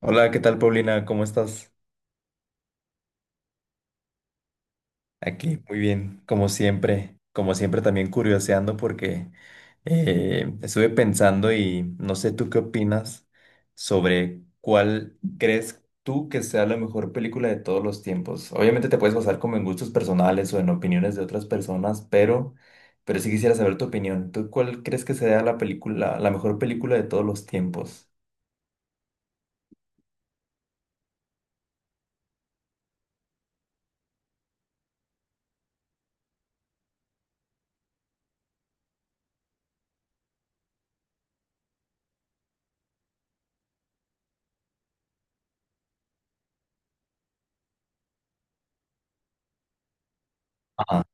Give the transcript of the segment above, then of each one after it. Hola, ¿qué tal, Paulina? ¿Cómo estás? Aquí, muy bien, como siempre también curioseando porque estuve pensando y no sé tú qué opinas sobre cuál crees tú que sea la mejor película de todos los tiempos. Obviamente te puedes basar como en gustos personales o en opiniones de otras personas, pero sí quisiera saber tu opinión. ¿Tú cuál crees que sea la película, la mejor película de todos los tiempos? Ajá,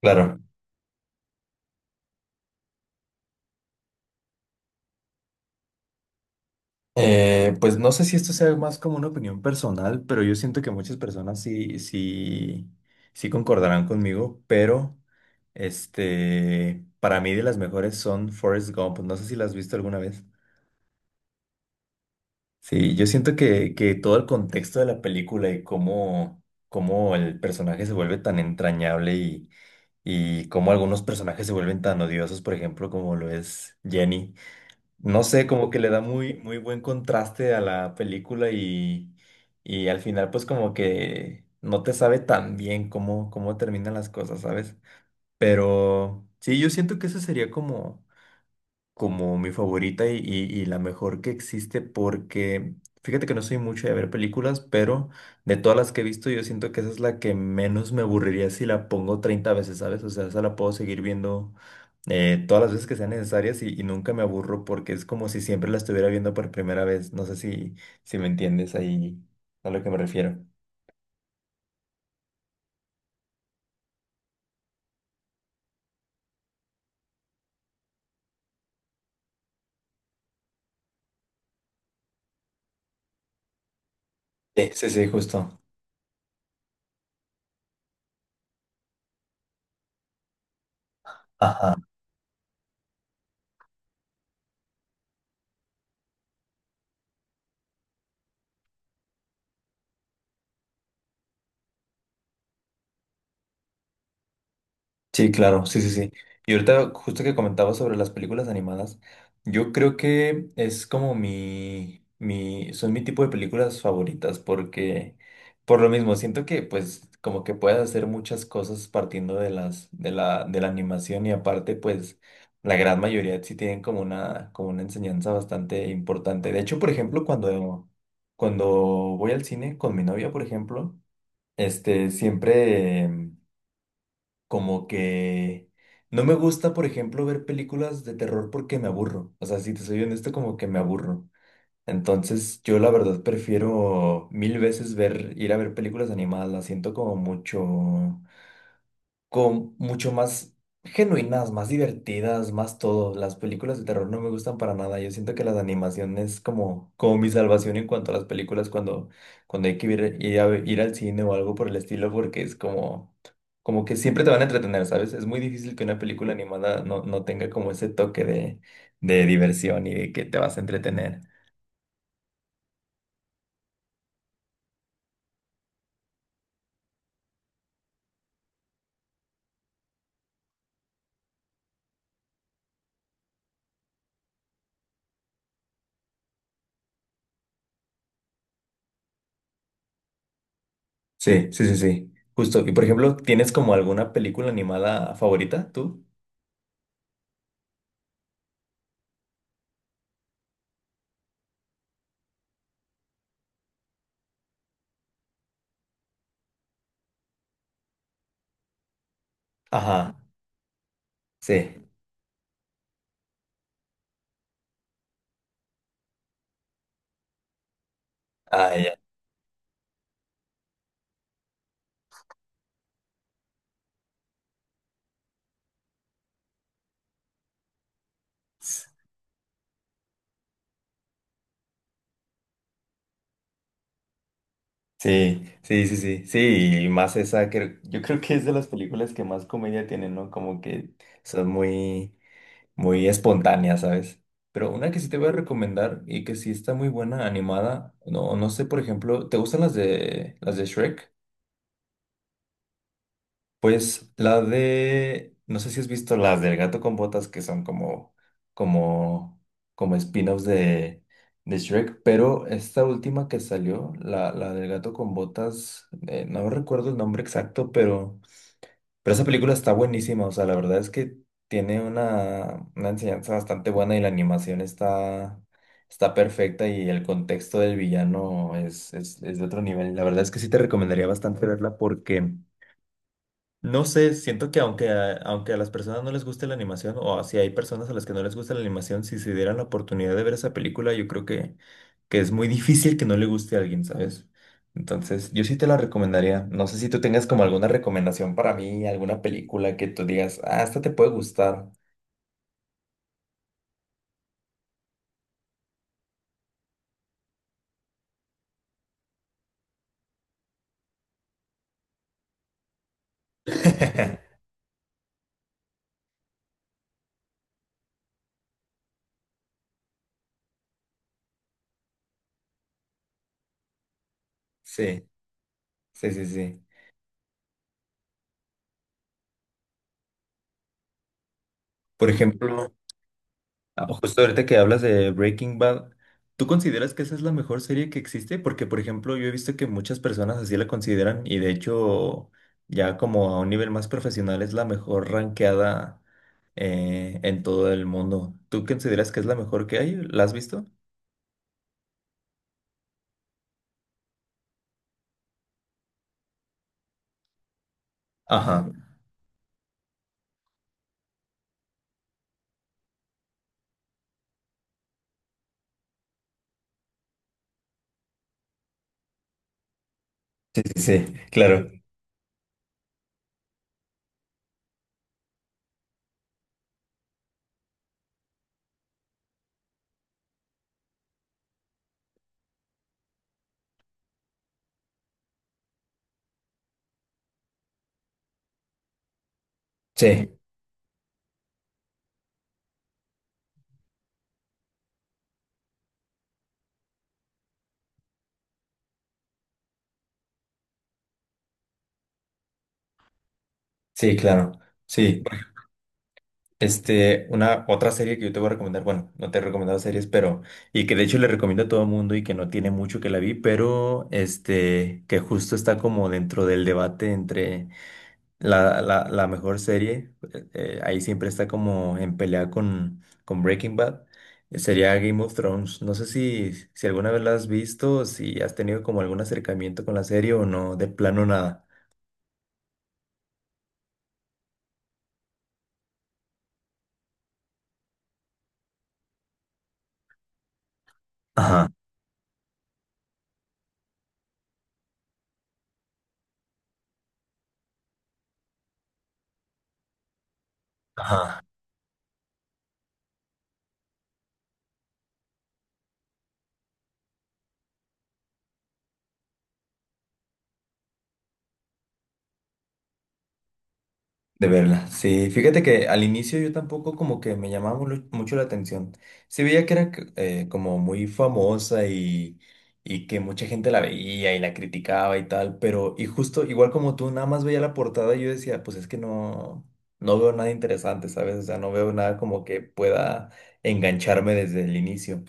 claro. Pues no sé si esto sea más como una opinión personal, pero yo siento que muchas personas sí, sí, sí concordarán conmigo, pero este, para mí de las mejores son Forrest Gump. No sé si la has visto alguna vez. Sí, yo siento que todo el contexto de la película y cómo, cómo el personaje se vuelve tan entrañable y cómo algunos personajes se vuelven tan odiosos, por ejemplo, como lo es Jenny. No sé, como que le da muy, muy buen contraste a la película y al final pues como que no te sabe tan bien cómo, cómo terminan las cosas, ¿sabes? Pero sí, yo siento que ese sería como como mi favorita y, y la mejor que existe porque fíjate que no soy mucho de ver películas, pero de todas las que he visto yo siento que esa es la que menos me aburriría si la pongo 30 veces, ¿sabes? O sea, esa la puedo seguir viendo todas las veces que sean necesarias y nunca me aburro porque es como si siempre la estuviera viendo por primera vez. No sé si, si me entiendes ahí a lo que me refiero. Sí, sí, sí, justo. Ajá. Sí, claro, sí, sí, sí. Y ahorita, justo que comentaba sobre las películas animadas, yo creo que es como son mi tipo de películas favoritas porque, por lo mismo, siento que pues como que puedes hacer muchas cosas partiendo de de la animación y aparte pues la gran mayoría sí tienen como una enseñanza bastante importante. De hecho, por ejemplo, cuando, cuando voy al cine con mi novia, por ejemplo, este, siempre... Como que no me gusta, por ejemplo, ver películas de terror porque me aburro. O sea, si te soy honesto, como que me aburro. Entonces, yo la verdad prefiero mil veces ver, ir a ver películas animadas. Las siento como mucho con mucho más genuinas, más divertidas, más todo. Las películas de terror no me gustan para nada. Yo siento que las animaciones como, como mi salvación en cuanto a las películas cuando, cuando hay que ir, ir a, ir al cine o algo por el estilo, porque es como, como que siempre te van a entretener, ¿sabes? Es muy difícil que una película animada no, no tenga como ese toque de diversión y de que te vas a entretener. Sí, sí, sí, sí. Justo. Y por ejemplo, ¿tienes como alguna película animada favorita tú? Ajá, sí. Ah, ya. Sí, sí, sí, sí, sí, y más esa, yo creo que es de las películas que más comedia tienen, ¿no? Como que son muy, muy espontáneas, ¿sabes? Pero una que sí te voy a recomendar y que sí está muy buena, animada, no, no sé, por ejemplo, ¿te gustan las de Shrek? Pues la de, no sé si has visto las del gato con botas que son como, como, como spin-offs de Shrek, pero esta última que salió, la del gato con botas, no recuerdo el nombre exacto, pero esa película está buenísima, o sea, la verdad es que tiene una enseñanza bastante buena y la animación está, está perfecta y el contexto del villano es de otro nivel. La verdad es que sí te recomendaría bastante verla porque... No sé, siento que aunque a las personas no les guste la animación, o si hay personas a las que no les gusta la animación, si se dieran la oportunidad de ver esa película, yo creo que es muy difícil que no le guste a alguien, ¿sabes? Entonces, yo sí te la recomendaría. No sé si tú tengas como alguna recomendación para mí, alguna película que tú digas, ah, esta te puede gustar. Sí, sí, sí, sí. Por ejemplo, ah, justo ahorita que hablas de Breaking Bad, ¿tú consideras que esa es la mejor serie que existe? Porque, por ejemplo, yo he visto que muchas personas así la consideran y de hecho ya como a un nivel más profesional es la mejor rankeada en todo el mundo. ¿Tú consideras que es la mejor que hay? ¿La has visto? Ajá, sí, sí, sí, claro. Sí, sí, claro. Sí. Este, una otra serie que yo te voy a recomendar, bueno, no te he recomendado series, pero, y que de hecho le recomiendo a todo el mundo y que no tiene mucho que la vi, pero este, que justo está como dentro del debate entre la mejor serie, ahí siempre está como en pelea con Breaking Bad, sería Game of Thrones. No sé si, si alguna vez la has visto, si has tenido como algún acercamiento con la serie o no, de plano nada. Ajá, ajá. De verla, sí. Fíjate que al inicio yo tampoco como que me llamaba mucho la atención. Sí veía que era como muy famosa y que mucha gente la veía y la criticaba y tal, pero y justo igual como tú, nada más veía la portada y yo decía, pues es que no, no veo nada interesante, ¿sabes? O sea, no veo nada como que pueda engancharme desde el inicio.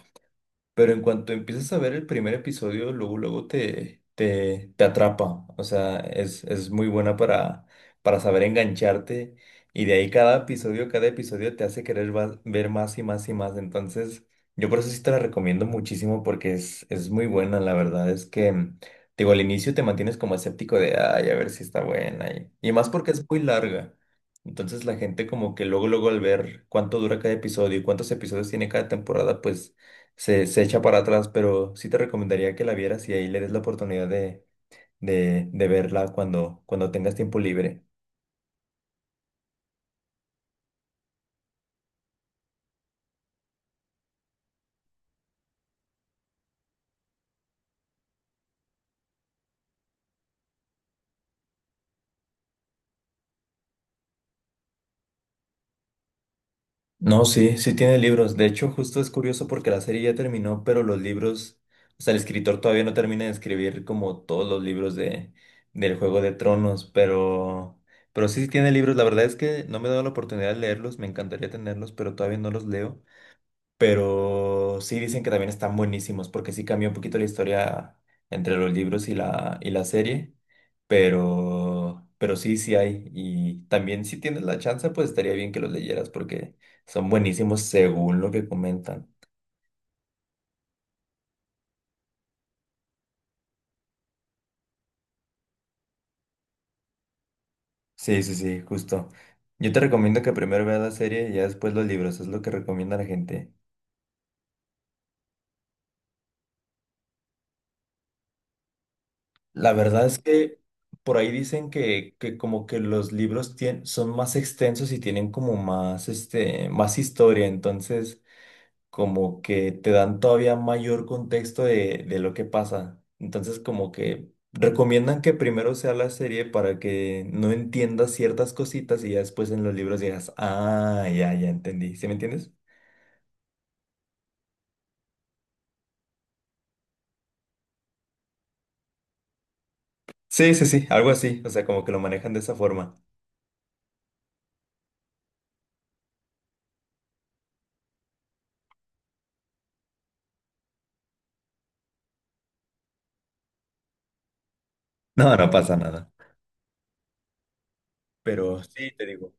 Pero en cuanto empiezas a ver el primer episodio, luego, luego te atrapa. O sea, es muy buena para saber engancharte. Y de ahí cada episodio te hace querer ver más y más y más. Entonces, yo por eso sí te la recomiendo muchísimo porque es muy buena. La verdad es que, digo, al inicio te mantienes como escéptico de, ay, a ver si está buena. Y más porque es muy larga. Entonces la gente como que luego, luego al ver cuánto dura cada episodio y cuántos episodios tiene cada temporada, pues se echa para atrás, pero sí te recomendaría que la vieras y ahí le des la oportunidad de verla cuando, cuando tengas tiempo libre. No, sí, sí tiene libros. De hecho, justo es curioso porque la serie ya terminó, pero los libros, o sea, el escritor todavía no termina de escribir como todos los libros de, del Juego de Tronos, pero sí sí tiene libros. La verdad es que no me he dado la oportunidad de leerlos, me encantaría tenerlos, pero todavía no los leo. Pero sí dicen que también están buenísimos, porque sí cambió un poquito la historia entre los libros y la serie. Pero sí, sí hay. Y también si tienes la chance, pues estaría bien que los leyeras, porque son buenísimos según lo que comentan. Sí, sí, sí, justo. Yo te recomiendo que primero veas la serie y ya después los libros, es lo que recomienda la gente. La verdad es que por ahí dicen que como que los libros son más extensos y tienen como más, este, más historia, entonces como que te dan todavía mayor contexto de lo que pasa. Entonces como que recomiendan que primero sea la serie para que no entiendas ciertas cositas y ya después en los libros digas, ah, ya, ya entendí. ¿Sí me entiendes? Sí, sí, sí, algo así. O sea, como que lo manejan de esa forma. No, no pasa nada. Pero sí, te digo.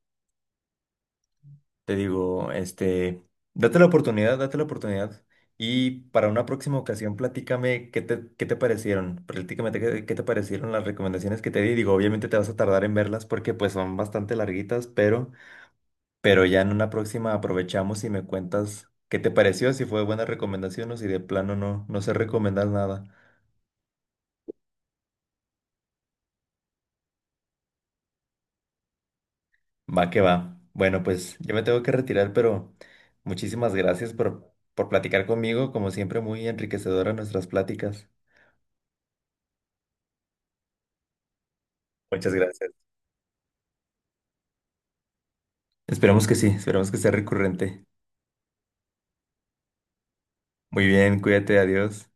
Te digo, este, date la oportunidad, date la oportunidad. Y para una próxima ocasión, platícame qué te parecieron. Platícame qué, qué te parecieron las recomendaciones que te di. Digo, obviamente te vas a tardar en verlas porque pues son bastante larguitas, pero ya en una próxima aprovechamos y me cuentas qué te pareció, si fue buena recomendación o si de plano no, no sé recomendar nada. Va que va. Bueno, pues yo me tengo que retirar, pero muchísimas gracias por platicar conmigo. Como siempre, muy enriquecedora nuestras pláticas. Muchas gracias. Esperamos que sí, esperamos que sea recurrente. Muy bien, cuídate, adiós.